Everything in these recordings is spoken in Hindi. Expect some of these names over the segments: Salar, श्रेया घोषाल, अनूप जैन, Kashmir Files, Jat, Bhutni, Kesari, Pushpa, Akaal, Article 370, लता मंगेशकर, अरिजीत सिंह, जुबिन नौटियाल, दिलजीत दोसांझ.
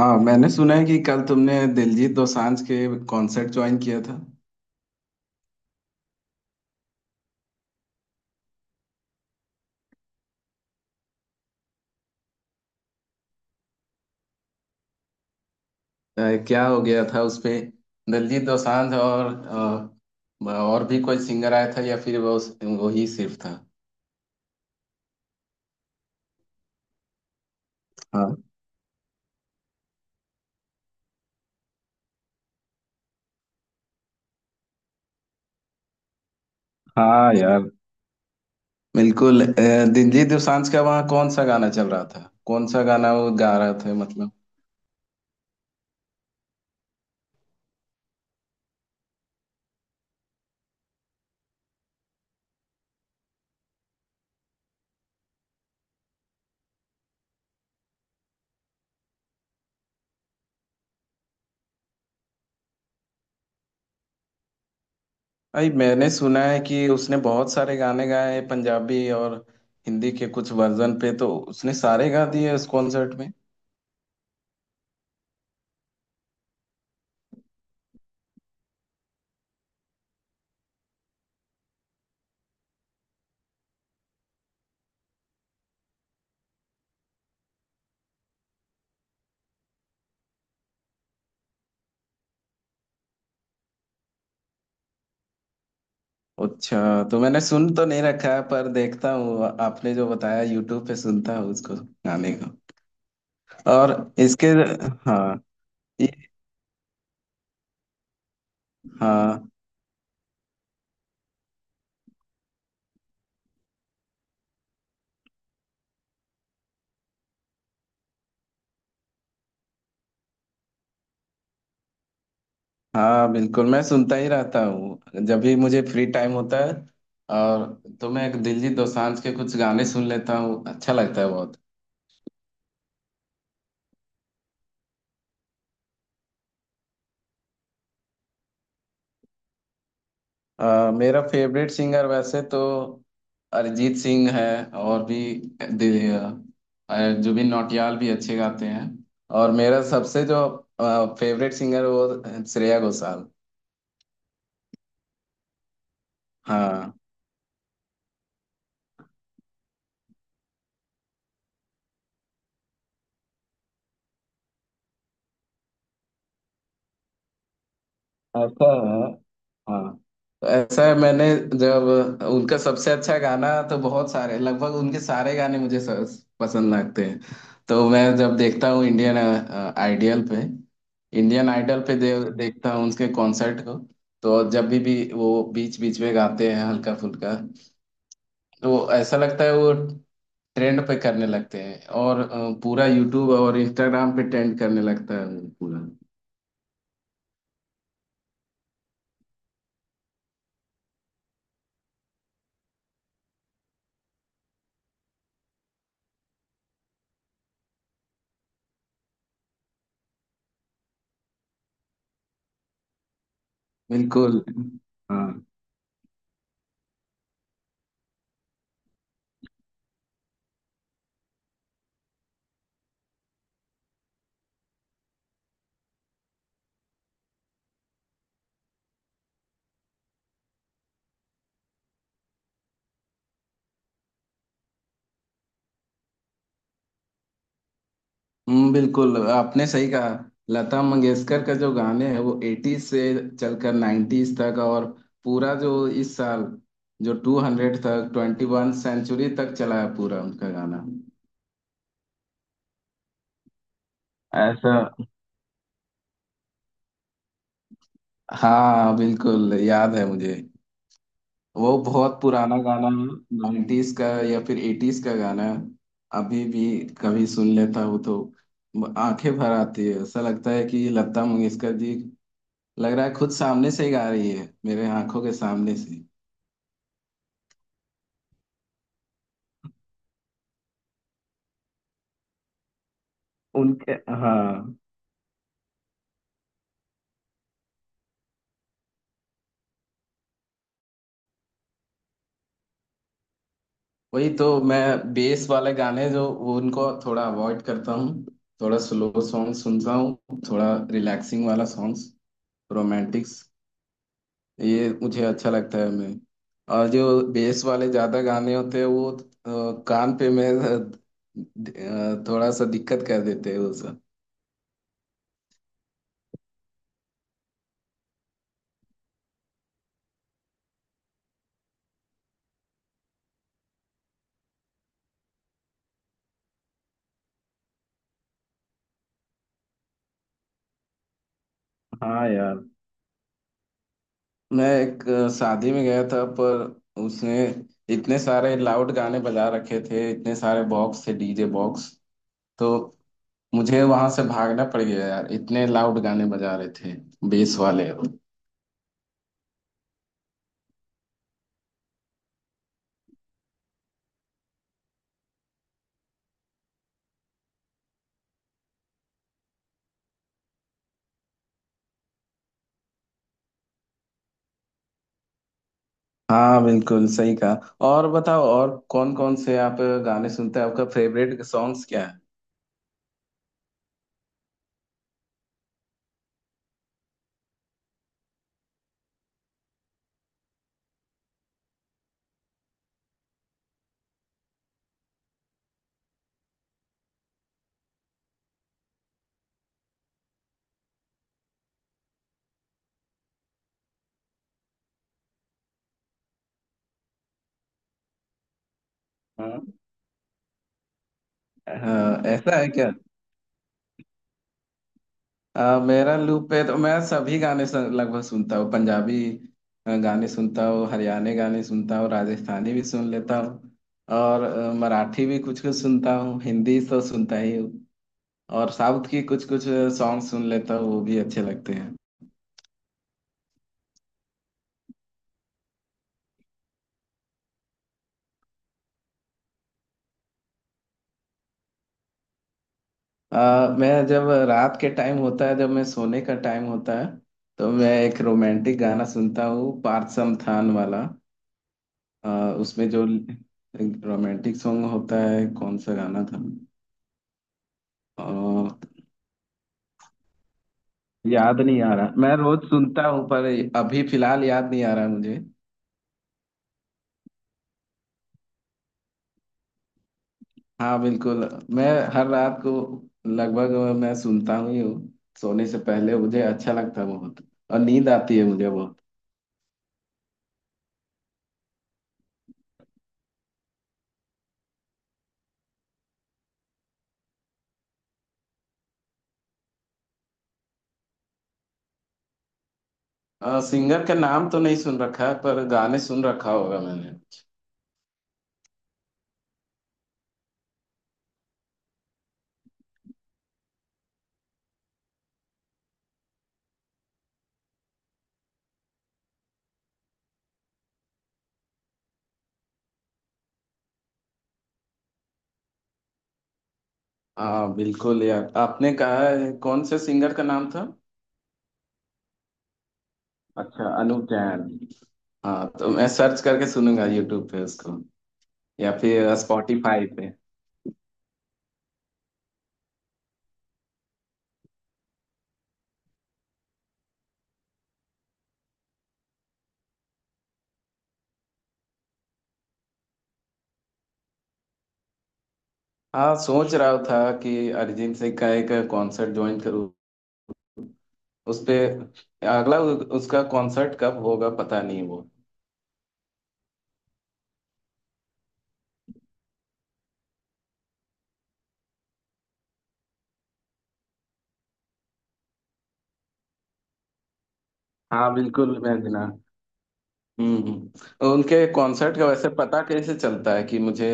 हाँ मैंने सुना है कि कल तुमने दिलजीत दोसांझ के कॉन्सर्ट ज्वाइन किया था। अ, क्या हो गया था उसपे? दिलजीत दोसांझ और और भी कोई सिंगर आया था, या फिर वो ही सिर्फ था? हाँ। हाँ यार, बिल्कुल। दिलजीत दोसांझ का वहाँ कौन सा गाना चल रहा था, कौन सा गाना वो गा रहा था, मतलब? भाई मैंने सुना है कि उसने बहुत सारे गाने गाए हैं, पंजाबी और हिंदी के कुछ वर्जन पे, तो उसने सारे गा दिए उस कॉन्सर्ट में। अच्छा। तो मैंने सुन तो नहीं रखा है, पर देखता हूँ आपने जो बताया, यूट्यूब पे सुनता हूँ उसको, गाने को। और इसके, हाँ, ये, हाँ हाँ बिल्कुल। मैं सुनता ही रहता हूँ जब भी मुझे फ्री टाइम होता है, और तो मैं दिलजीत दोसांझ के कुछ गाने सुन लेता हूँ, अच्छा लगता है बहुत। मेरा फेवरेट सिंगर वैसे तो अरिजीत सिंह है। और भी दि- अ, जुबिन नौटियाल भी अच्छे गाते हैं। और मेरा सबसे जो फेवरेट सिंगर, वो श्रेया घोषाल। हाँ, ऐसा है। हाँ, तो ऐसा है, मैंने जब उनका सबसे अच्छा गाना, तो बहुत सारे, लगभग उनके सारे गाने मुझे पसंद लगते हैं। तो मैं जब देखता हूँ इंडियन आइडियल पे, इंडियन आइडल पे देखता हूँ उसके कॉन्सर्ट को। तो जब भी वो बीच बीच में गाते हैं हल्का फुल्का, तो वो ऐसा लगता है, वो ट्रेंड पे करने लगते हैं, और पूरा यूट्यूब और इंस्टाग्राम पे ट्रेंड करने लगता है वो पूरा। बिल्कुल। हाँ। बिल्कुल आपने सही कहा। लता मंगेशकर का जो गाने हैं वो एटीज से चलकर नाइन्टीज तक, और पूरा जो इस साल, जो 200 तक, 21 सेंचुरी तक चला है पूरा उनका गाना। ऐसा। हाँ बिल्कुल याद है मुझे। वो बहुत पुराना गाना है, नाइन्टीज का या फिर एटीज का गाना है। अभी भी कभी सुन लेता हूँ तो आंखें भर आती है, ऐसा लगता है कि लता मंगेशकर जी लग रहा है खुद सामने से ही गा रही है, मेरे आंखों के सामने से। उनके, हाँ, वही तो, मैं बेस वाले गाने, जो वो, उनको थोड़ा अवॉइड करता हूँ। थोड़ा स्लो सॉन्ग सुनता हूँ, थोड़ा रिलैक्सिंग वाला सॉन्ग्स, रोमांटिक्स, ये मुझे अच्छा लगता है। मैं, और जो बेस वाले ज्यादा गाने होते हैं वो कान पे, मैं थोड़ा सा दिक्कत कर देते हैं वो सब। हाँ यार, मैं एक शादी में गया था, पर उसने इतने सारे लाउड गाने बजा रखे थे, इतने सारे बॉक्स थे, डीजे बॉक्स। तो मुझे वहां से भागना पड़ गया यार, इतने लाउड गाने बजा रहे थे, बेस वाले। हाँ, बिल्कुल सही कहा। और बताओ, और कौन कौन से आप गाने सुनते हैं? आपका फेवरेट सॉन्ग्स क्या है? हाँ। हाँ, ऐसा है क्या? मेरा लूप पे तो मैं सभी गाने लगभग सुनता हूँ। पंजाबी गाने सुनता हूँ, हरियाणा गाने सुनता हूँ, राजस्थानी भी सुन लेता हूँ, और मराठी भी कुछ कुछ सुनता हूँ, हिंदी तो सुनता ही हूँ, और साउथ की कुछ कुछ सॉन्ग सुन लेता हूँ, वो भी अच्छे लगते हैं। मैं जब रात के टाइम होता है, जब मैं सोने का टाइम होता है, तो मैं एक रोमांटिक गाना सुनता हूँ, पार्थ थान वाला। अ, उसमें जो रोमांटिक सॉन्ग होता है, कौन सा गाना था? याद नहीं आ रहा, मैं रोज सुनता हूँ, पर अभी फिलहाल याद नहीं आ रहा मुझे। हाँ बिल्कुल, मैं हर रात को लगभग मैं सुनता हूँ ही हूँ। सोने से पहले मुझे अच्छा लगता है बहुत, और नींद आती है मुझे बहुत। सिंगर का नाम तो नहीं सुन रखा है, पर गाने सुन रखा होगा मैंने। हाँ बिल्कुल यार, आपने कहा है, कौन से सिंगर का नाम था? अच्छा, अनूप जैन। हाँ, तो मैं सर्च करके सुनूंगा यूट्यूब पे उसको, या फिर स्पॉटिफाई पे। हाँ, सोच रहा था कि अरिजीत सिंह का एक कॉन्सर्ट ज्वाइन करूँ, उस पे। अगला उसका कॉन्सर्ट कब होगा पता नहीं वो। हाँ बिल्कुल, मैं जना। उनके कॉन्सर्ट का वैसे पता कैसे चलता है, कि मुझे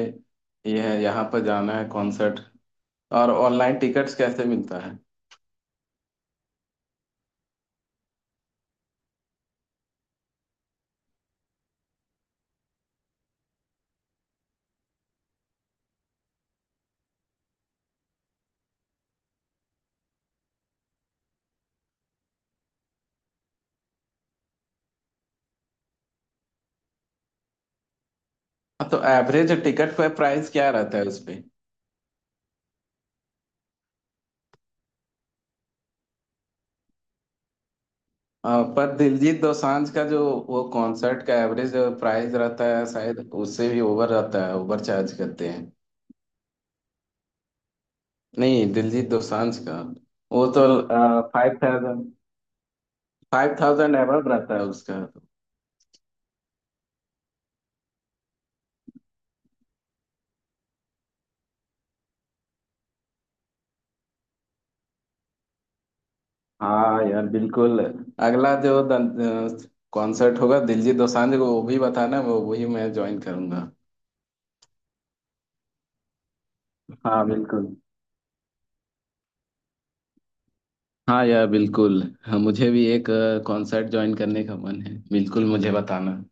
ये है, यहाँ पर जाना है कॉन्सर्ट? और ऑनलाइन टिकट्स कैसे मिलता है? हाँ, तो एवरेज टिकट पर प्राइस क्या रहता है उस पे? पर दिलजीत दोसांझ का जो, वो कॉन्सर्ट का एवरेज प्राइस रहता है शायद, उससे भी ओवर रहता है, ओवर चार्ज करते हैं। नहीं, दिलजीत दोसांझ का, वो तो 5,000। 5,000 एबव रहता है उसका तो। हाँ यार, बिल्कुल। अगला जो कॉन्सर्ट होगा दिलजीत दोसांझ को, वो भी बताना, वो वही मैं ज्वाइन करूंगा। हाँ बिल्कुल। हाँ यार बिल्कुल, हाँ, मुझे भी एक कॉन्सर्ट ज्वाइन करने का मन है, बिल्कुल मुझे बताना।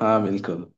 हाँ बिल्कुल।